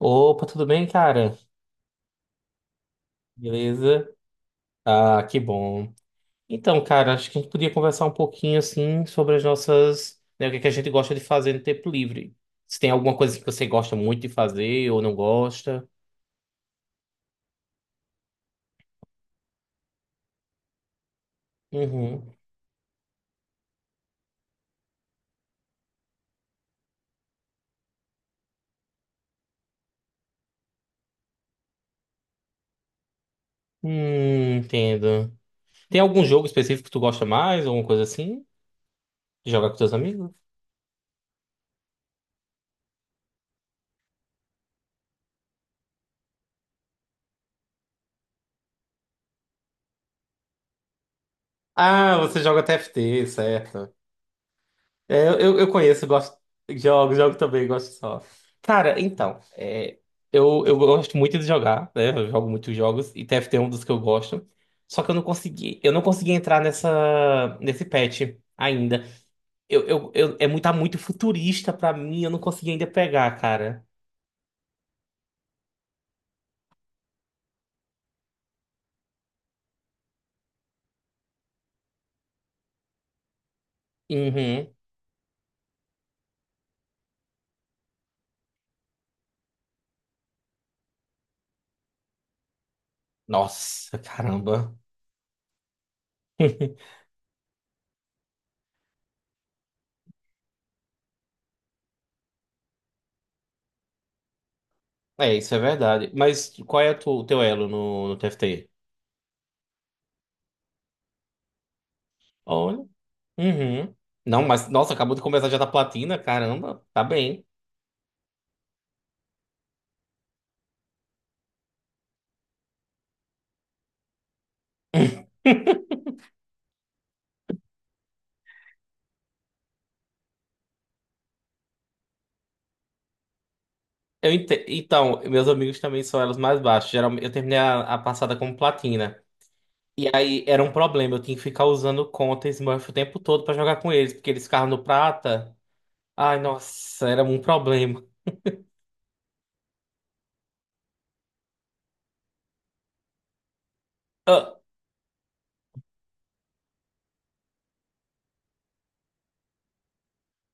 Opa, tudo bem, cara? Beleza? Ah, que bom. Então, cara, acho que a gente podia conversar um pouquinho assim sobre as nossas, né, o que é que a gente gosta de fazer no tempo livre. Se tem alguma coisa que você gosta muito de fazer ou não gosta. Uhum. Entendo. Tem algum jogo específico que tu gosta mais, alguma coisa assim? Joga com teus amigos? Ah, você joga TFT, certo. É, eu conheço, gosto, jogo também, gosto só. Cara, então, é, eu gosto muito de jogar, né? Eu jogo muitos jogos e TFT é um dos que eu gosto. Só que eu não consegui entrar nesse patch ainda. Tá muito futurista pra mim, eu não consegui ainda pegar, cara. Uhum. Nossa, caramba. É, isso é verdade. Mas qual é o teu elo no TFT? Uhum. Não, mas nossa, acabou de começar já da platina, caramba, tá bem. Então, meus amigos também são elos mais baixos. Geralmente, eu terminei a passada como platina. E aí era um problema, eu tinha que ficar usando conta Smurf o tempo todo pra jogar com eles, porque eles ficavam no prata. Ai, nossa, era um problema. Ah,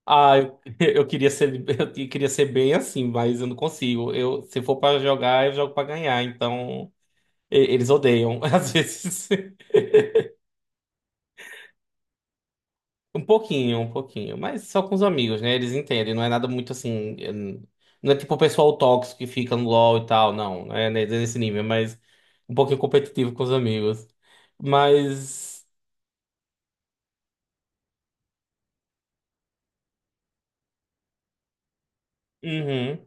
ah, eu, eu queria ser, queria ser bem assim, mas eu não consigo. Eu, se for pra jogar, eu jogo pra ganhar, então eles odeiam às vezes. Um pouquinho, mas só com os amigos, né? Eles entendem, não é nada muito assim. Não é tipo o pessoal tóxico que fica no LoL e tal, não, não é nesse nível, mas um pouquinho competitivo com os amigos. Mas. Uhum.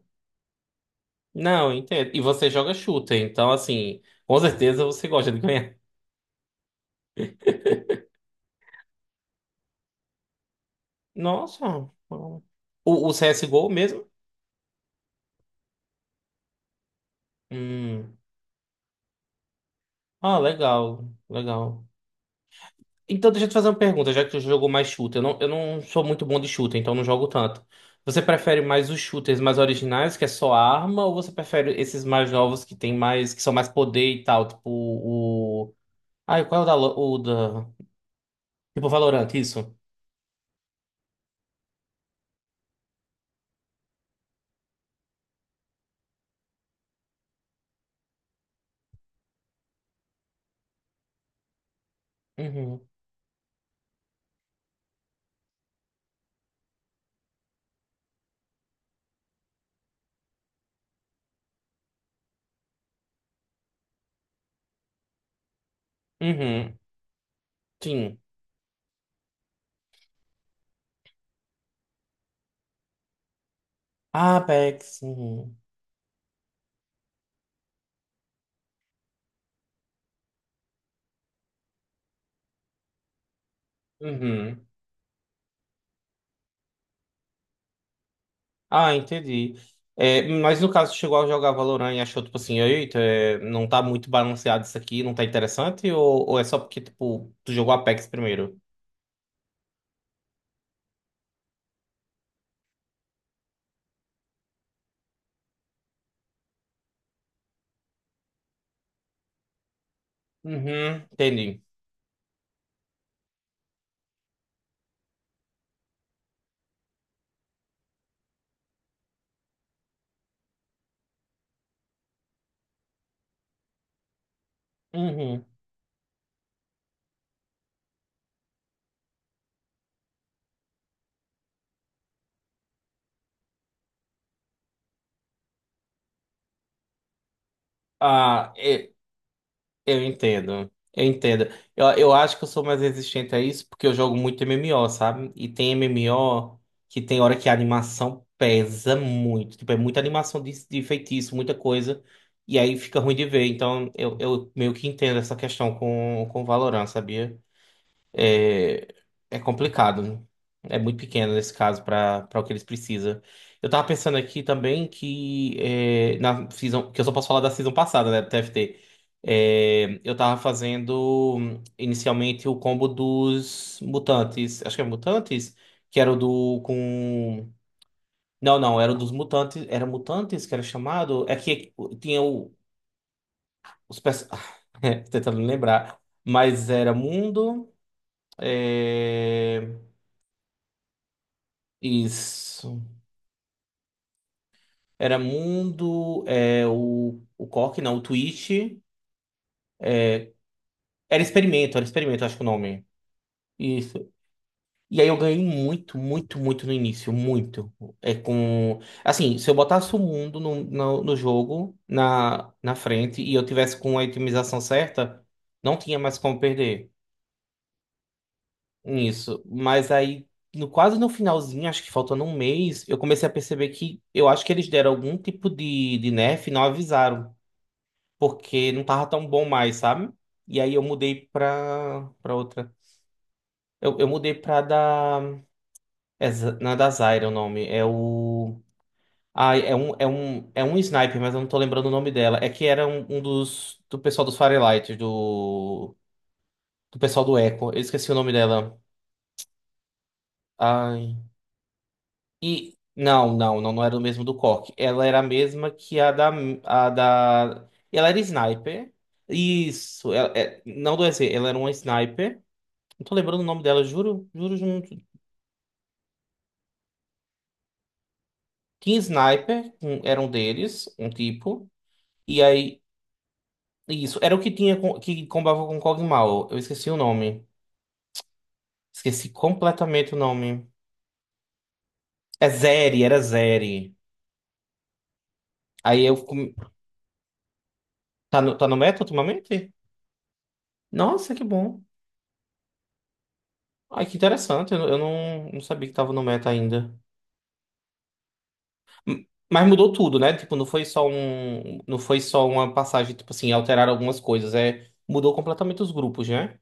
Não, entendo. E você joga shooter, então, assim, com certeza você gosta de ganhar. Nossa. O, o CSGO mesmo? Hum. Ah, legal, legal. Então, deixa eu te fazer uma pergunta, já que tu jogou mais shooter. Eu não sou muito bom de shooter, então não jogo tanto. Você prefere mais os shooters mais originais, que é só arma, ou você prefere esses mais novos que tem mais, que são mais poder e tal? Tipo o. Ai, qual é o da. O da... Tipo Valorant, isso? Uhum. Uhum. Sim. Apex. Uhum. Uhum. Ah, entendi. É, mas no caso, chegou a jogar Valorant e achou, tipo assim, eita, é, não tá muito balanceado isso aqui, não tá interessante? Ou é só porque, tipo, tu jogou Apex primeiro? Uhum, entendi. Uhum. Ah, é, eu entendo, eu entendo. Eu acho que eu sou mais resistente a isso porque eu jogo muito MMO, sabe? E tem MMO que tem hora que a animação pesa muito. Tipo, é muita animação de feitiço, muita coisa. E aí fica ruim de ver. Então eu meio que entendo essa questão com Valorant, sabia? É complicado, né? É muito pequeno nesse caso para o que eles precisam. Eu tava pensando aqui também que é, na season, que eu só posso falar da season passada, né, do TFT. É, eu tava fazendo inicialmente o combo dos mutantes, acho que é mutantes, que era o do com. Não, não, era o dos mutantes, era mutantes que era chamado, é que tinha os perso... tentando me lembrar, mas era mundo, é, isso. Era Mundo, é, o Cork, não, o Twitch. Era Experimento, acho que o nome. Isso. E aí eu ganhei muito, muito, muito no início, muito. É com. Assim, se eu botasse o mundo no jogo, na frente, e eu tivesse com a itemização certa, não tinha mais como perder. Isso. Mas aí, no, quase no finalzinho, acho que faltando um mês, eu comecei a perceber que eu acho que eles deram algum tipo de nerf e não avisaram. Porque não tava tão bom mais, sabe? E aí eu mudei pra outra. Eu mudei pra da. É, não é da Zyra o nome. É o. Ah, é um sniper, mas eu não tô lembrando o nome dela. É que era um dos. Do pessoal dos Firelight, do. Do pessoal do Echo. Eu esqueci o nome dela. Ai. E. Não, não, não, não era o mesmo do Cork. Ela era a mesma que a da. A da... Ela era sniper. Isso, ela, é, não do EZ, ela era uma sniper. Não tô lembrando o nome dela, juro, juro, juro. Tinha Sniper, era um deles, um tipo. E aí, isso, era o que tinha que combava com Cogmal. Eu esqueci o nome. Esqueci completamente o nome. É Zeri, era Zeri. Aí eu. Tá no meta ultimamente? Nossa, que bom. Ai, que interessante. Eu não, não sabia que tava no meta ainda. Mas mudou tudo, né? Tipo, não foi só um. Não foi só uma passagem, tipo assim, alterar algumas coisas. É, mudou completamente os grupos, né?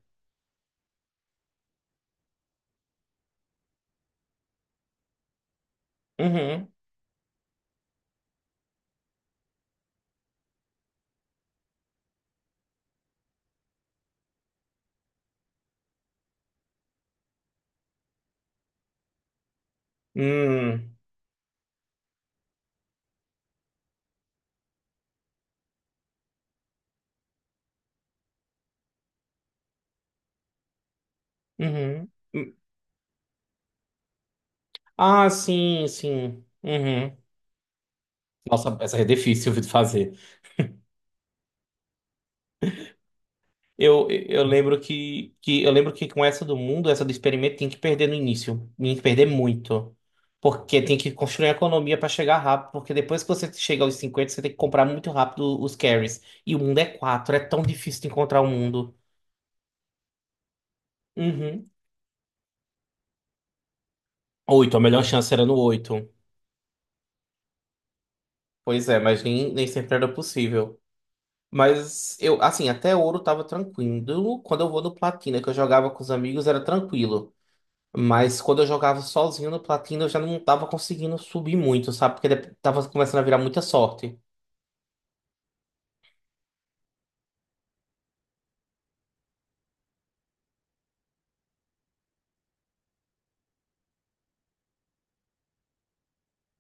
Uhum. Hum, uhum. Hum. Ah, sim, sim. Uhum. Nossa, essa é difícil de fazer. Eu lembro que eu lembro que com essa do mundo, essa do experimento, tem que perder no início. Tem que perder muito. Porque tem que construir a economia para chegar rápido. Porque depois que você chega aos 50 você tem que comprar muito rápido os carries. E o mundo é 4 é tão difícil de encontrar o mundo. Uhum. 8, a melhor chance era no oito. Pois é, mas nem sempre era possível. Mas eu, assim, até ouro tava tranquilo. Quando eu vou no platina, que eu jogava com os amigos, era tranquilo. Mas quando eu jogava sozinho no platina, eu já não tava conseguindo subir muito, sabe? Porque tava começando a virar muita sorte.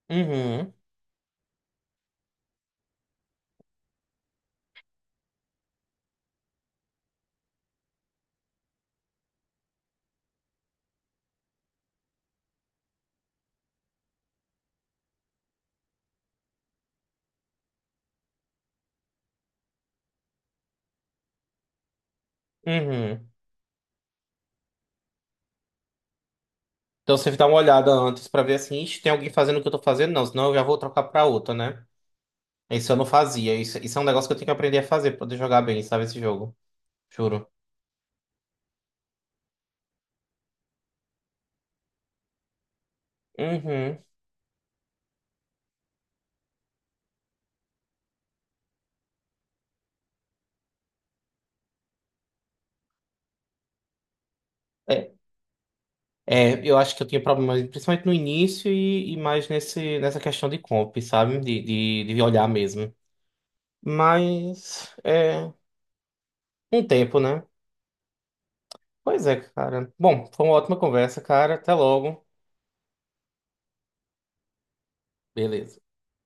Uhum, uhum. Então você dá uma olhada antes pra ver assim, "Ixi, tem alguém fazendo o que eu tô fazendo? Não, senão eu já vou trocar pra outra, né? Isso eu não fazia. Isso é um negócio que eu tenho que aprender a fazer pra poder jogar bem, sabe? Esse jogo. Juro. Uhum. É, eu acho que eu tinha problemas, principalmente no início e mais nessa questão de comp, sabe? De olhar mesmo. Mas é um tempo, né? Pois é, cara. Bom, foi uma ótima conversa, cara. Até logo. Beleza.